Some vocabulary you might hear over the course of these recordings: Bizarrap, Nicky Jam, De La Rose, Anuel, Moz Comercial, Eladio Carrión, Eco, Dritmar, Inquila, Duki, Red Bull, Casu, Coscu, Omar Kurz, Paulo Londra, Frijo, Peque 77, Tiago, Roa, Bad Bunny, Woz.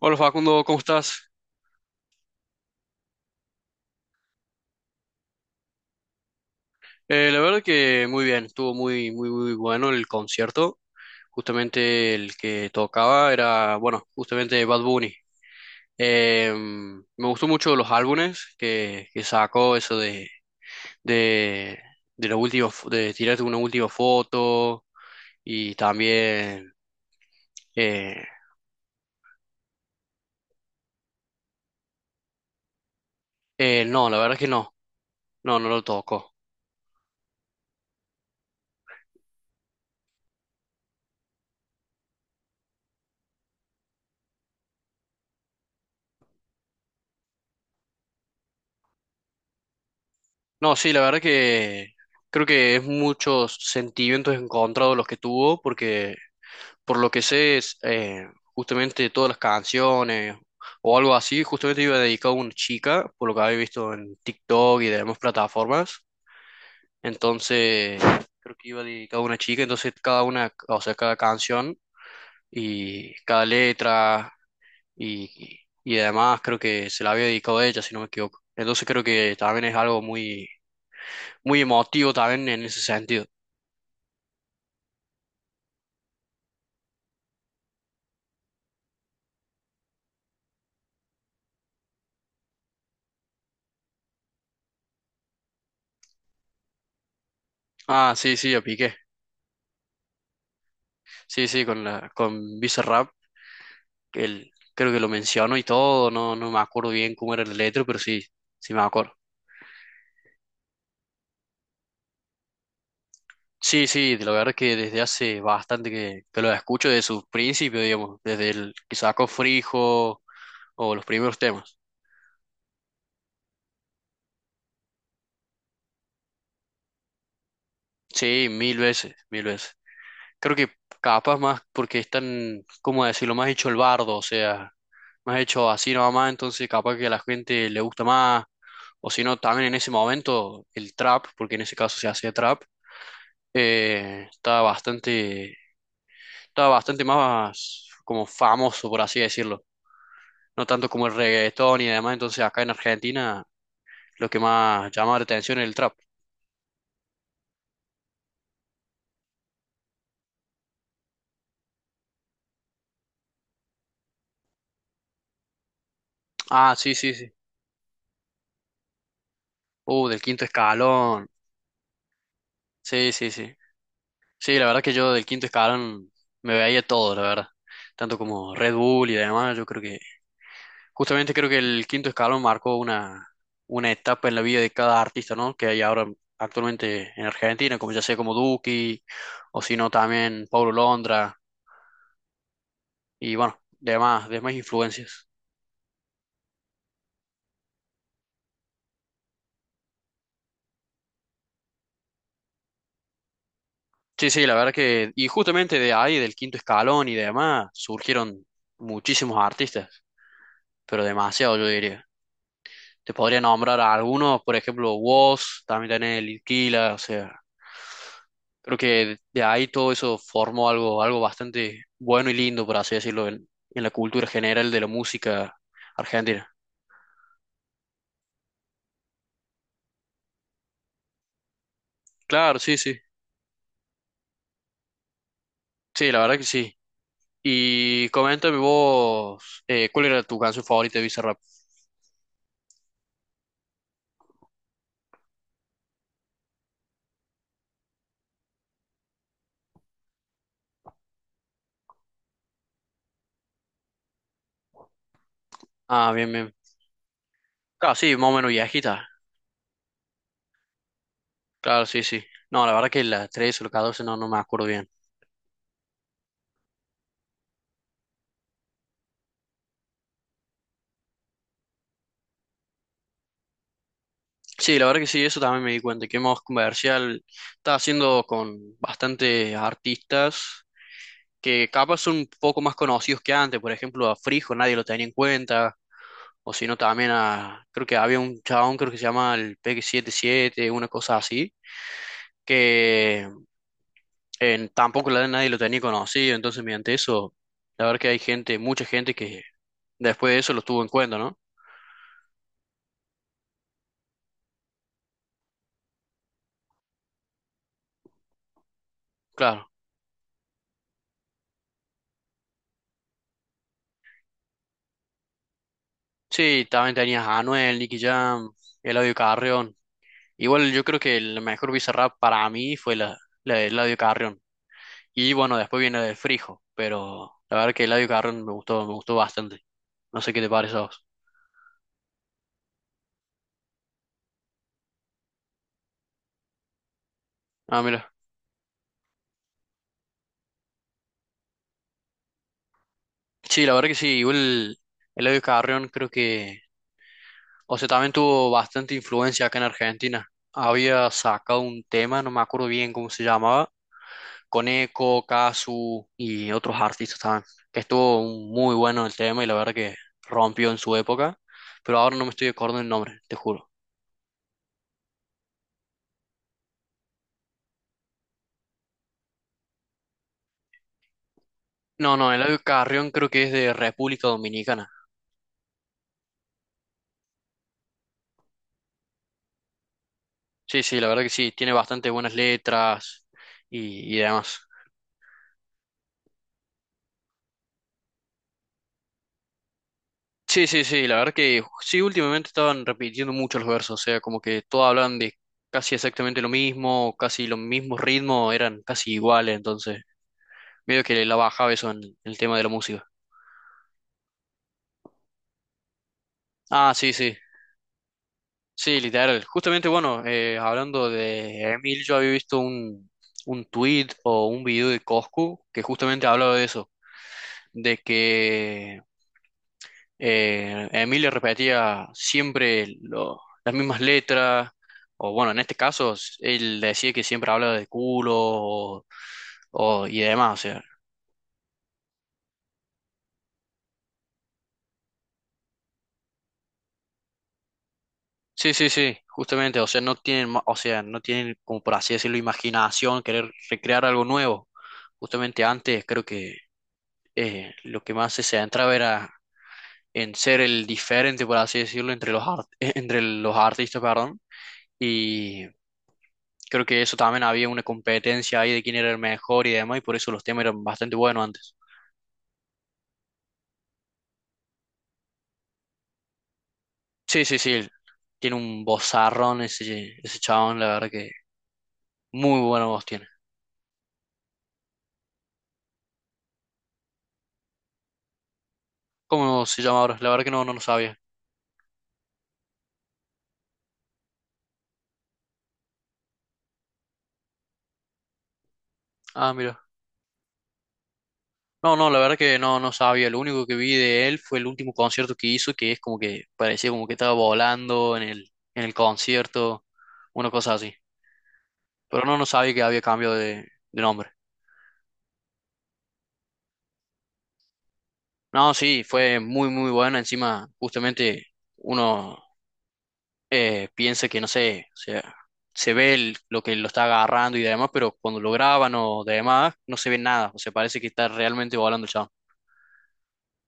Hola Facundo, ¿cómo estás? La verdad que muy bien, estuvo muy, muy, muy bueno el concierto. Justamente el que tocaba era, bueno, justamente Bad Bunny. Me gustó mucho los álbumes que sacó, eso de, de la última, de tirarte una última foto y también, eh, no, la verdad que no, no lo tocó. No, sí, la verdad que creo que es muchos sentimientos encontrados los que tuvo porque por lo que sé, es, justamente todas las canciones o algo así, justamente iba dedicado a una chica, por lo que había visto en TikTok y demás plataformas. Entonces, creo que iba dedicado a una chica, entonces cada una, o sea, cada canción y cada letra y además creo que se la había dedicado a ella, si no me equivoco. Entonces creo que también es algo muy, muy emotivo también en ese sentido. Ah, sí, sí, yo piqué. Sí, sí, con Bizarrap creo que lo menciono y todo, no me acuerdo bien cómo era el letra, pero sí, sí me acuerdo. Sí, sí, la verdad es que desde hace bastante que lo escucho desde sus principios, digamos, desde el que sacó Frijo o los primeros temas. Sí, mil veces, mil veces. Creo que capaz más porque están, ¿cómo decirlo? Más hecho el bardo, o sea, más hecho así nomás, entonces capaz que a la gente le gusta más, o si no, también en ese momento el trap, porque en ese caso se hacía trap, eh, estaba bastante, estaba bastante más como famoso, por así decirlo. No tanto como el reggaetón y demás, entonces acá en Argentina lo que más llamaba la atención es el trap. Ah, sí, sí, sí. Del quinto escalón. Sí, sí, sí. Sí, la verdad que yo del quinto escalón me veía todo, la verdad. Tanto como Red Bull y demás, justamente creo que el quinto escalón marcó una etapa en la vida de cada artista, ¿no? Que hay ahora actualmente en Argentina, como ya sea como Duki, o si no también Paulo Londra, y bueno, demás, influencias. Sí, sí, y justamente de ahí, del quinto escalón y demás, surgieron muchísimos artistas, pero demasiado, yo diría. Te podría nombrar a algunos, por ejemplo, Woz, también tenés el Inquila, o sea, creo que de ahí todo eso formó algo bastante bueno y lindo, por así decirlo, en la cultura general de la música argentina. Claro, sí, sí, sí, la verdad que sí. Y coméntame vos, ¿cuál era tu canción favorita de Bizarrap? Ah, bien, bien. Claro, sí, más o menos viejita. Claro, sí, sí. No, la verdad que la 13 o la 14 no me acuerdo bien. Sí, la verdad que sí, eso también me di cuenta, que Moz Comercial está haciendo con bastantes artistas que capaz son un poco más conocidos que antes, por ejemplo a Frijo nadie lo tenía en cuenta, o si no también creo que había un chabón, creo que se llama el Peque 77, una cosa así, que en, tampoco nadie lo tenía conocido, entonces mediante eso, la verdad que hay gente, mucha gente que después de eso lo tuvo en cuenta, ¿no? Claro. Sí, también tenías a Anuel, Nicky Jam, Eladio Carrión. Igual yo creo que el mejor Bizarrap para mí fue la de Eladio Carrión. Y bueno, después viene la de Frijo, pero la verdad que Eladio Carrión me gustó bastante. No sé qué te parece a vos. Ah, mira. Sí, la verdad que sí, igual Eladio Carrión creo que, o sea, también tuvo bastante influencia acá en Argentina. Había sacado un tema, no me acuerdo bien cómo se llamaba, con Eco, Casu y otros artistas también, que estuvo muy bueno el tema y la verdad que rompió en su época, pero ahora no me estoy acordando el nombre, te juro. No, no, Eladio Carrión creo que es de República Dominicana. Sí, sí, la verdad que sí, tiene bastante buenas letras y demás. Sí, sí, sí, la verdad que sí, últimamente estaban repitiendo mucho los versos, o sea, como que todos hablan de casi exactamente lo mismo, casi los mismos ritmos, eran casi iguales, entonces medio que la bajaba eso en el tema de la música. Ah, sí, sí, sí, literal. Justamente, bueno, hablando de Emil, yo había visto un tweet o un video de Coscu que justamente hablaba de eso de que Emilio repetía siempre las mismas letras, o bueno, en este caso, él decía que siempre hablaba de culo o, y demás, o sea. Sí, sí, sí, justamente, o sea, no tienen, o sea, no tienen, como por así decirlo, imaginación, querer recrear algo nuevo. Justamente antes creo que lo que más se centra verá, en ser el diferente, por así decirlo, entre los artistas, perdón, y creo que eso también había una competencia ahí de quién era el mejor y demás, y por eso los temas eran bastante buenos antes. Sí, sí, sí, tiene un vozarrón ese chabón, la verdad que muy buena voz tiene. ¿Cómo se llama ahora? La verdad que no, no, lo sabía. Ah, mira. No, no, la verdad que no sabía. Lo único que vi de él fue el último concierto que hizo, que es como que parecía como que estaba volando en el concierto, una cosa así. Pero no sabía que había cambio de nombre. No, sí, fue muy, muy bueno. Encima, justamente uno piensa que, no sé, o sea, se ve lo que lo está agarrando y demás, pero cuando lo graban o demás, no se ve nada. O sea, parece que está realmente volando el chabón.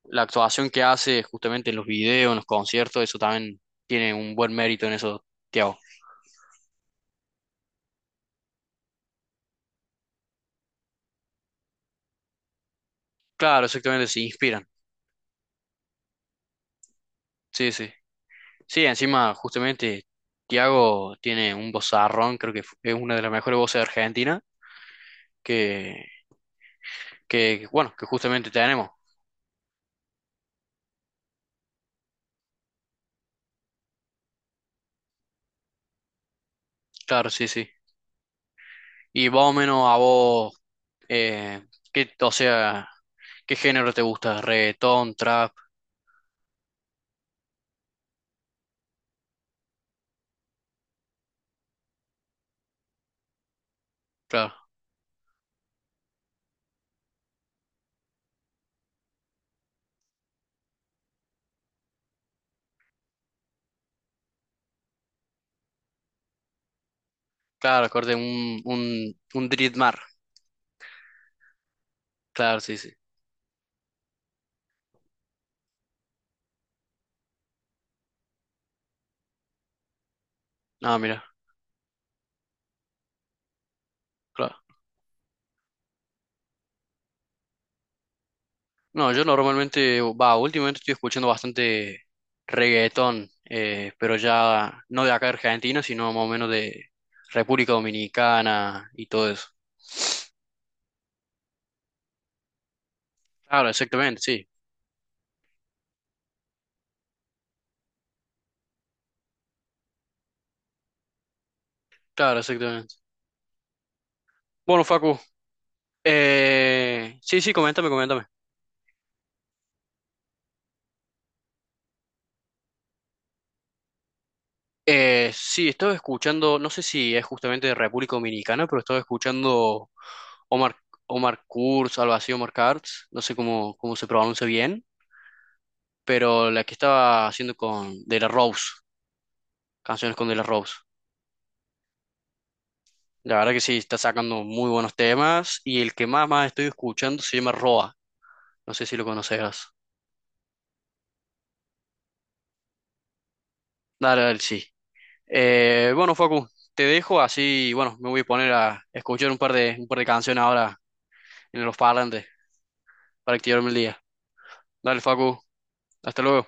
La actuación que hace justamente en los videos, en los conciertos, eso también tiene un buen mérito en eso, Tiago. Claro, exactamente, se inspiran. Sí, sí. Sí, encima, justamente, Tiago tiene un vozarrón, creo que es una de las mejores voces de Argentina, que, que bueno, que justamente tenemos. Claro, sí, sí. Y más o menos a vos, eh, ¿qué, o sea, qué género te gusta? ¿Reggaetón, trap? Claro, claro, acorde un Dritmar. Claro, sí, sí. Ah, mira, claro. No, yo normalmente, va, últimamente estoy escuchando bastante reggaetón, pero ya no de acá de Argentina, sino más o menos de República Dominicana y todo eso. Claro, exactamente, sí. Claro, exactamente. Bueno, Facu, sí, sí, coméntame, coméntame. Sí, estaba escuchando, no sé si es justamente de República Dominicana, pero estaba escuchando Omar, Omar Kurz, algo así, Omar Kurz, no sé cómo se pronuncia bien. Pero la que estaba haciendo con De La Rose, canciones con De La Rose. La verdad que sí, está sacando muy buenos temas y el que más estoy escuchando se llama Roa, no sé si lo conocerás. Dale, dale, sí. Bueno, Facu, te dejo así, bueno, me voy a poner a escuchar un par de canciones ahora en los parlantes para activarme el día. Dale, Facu, hasta luego.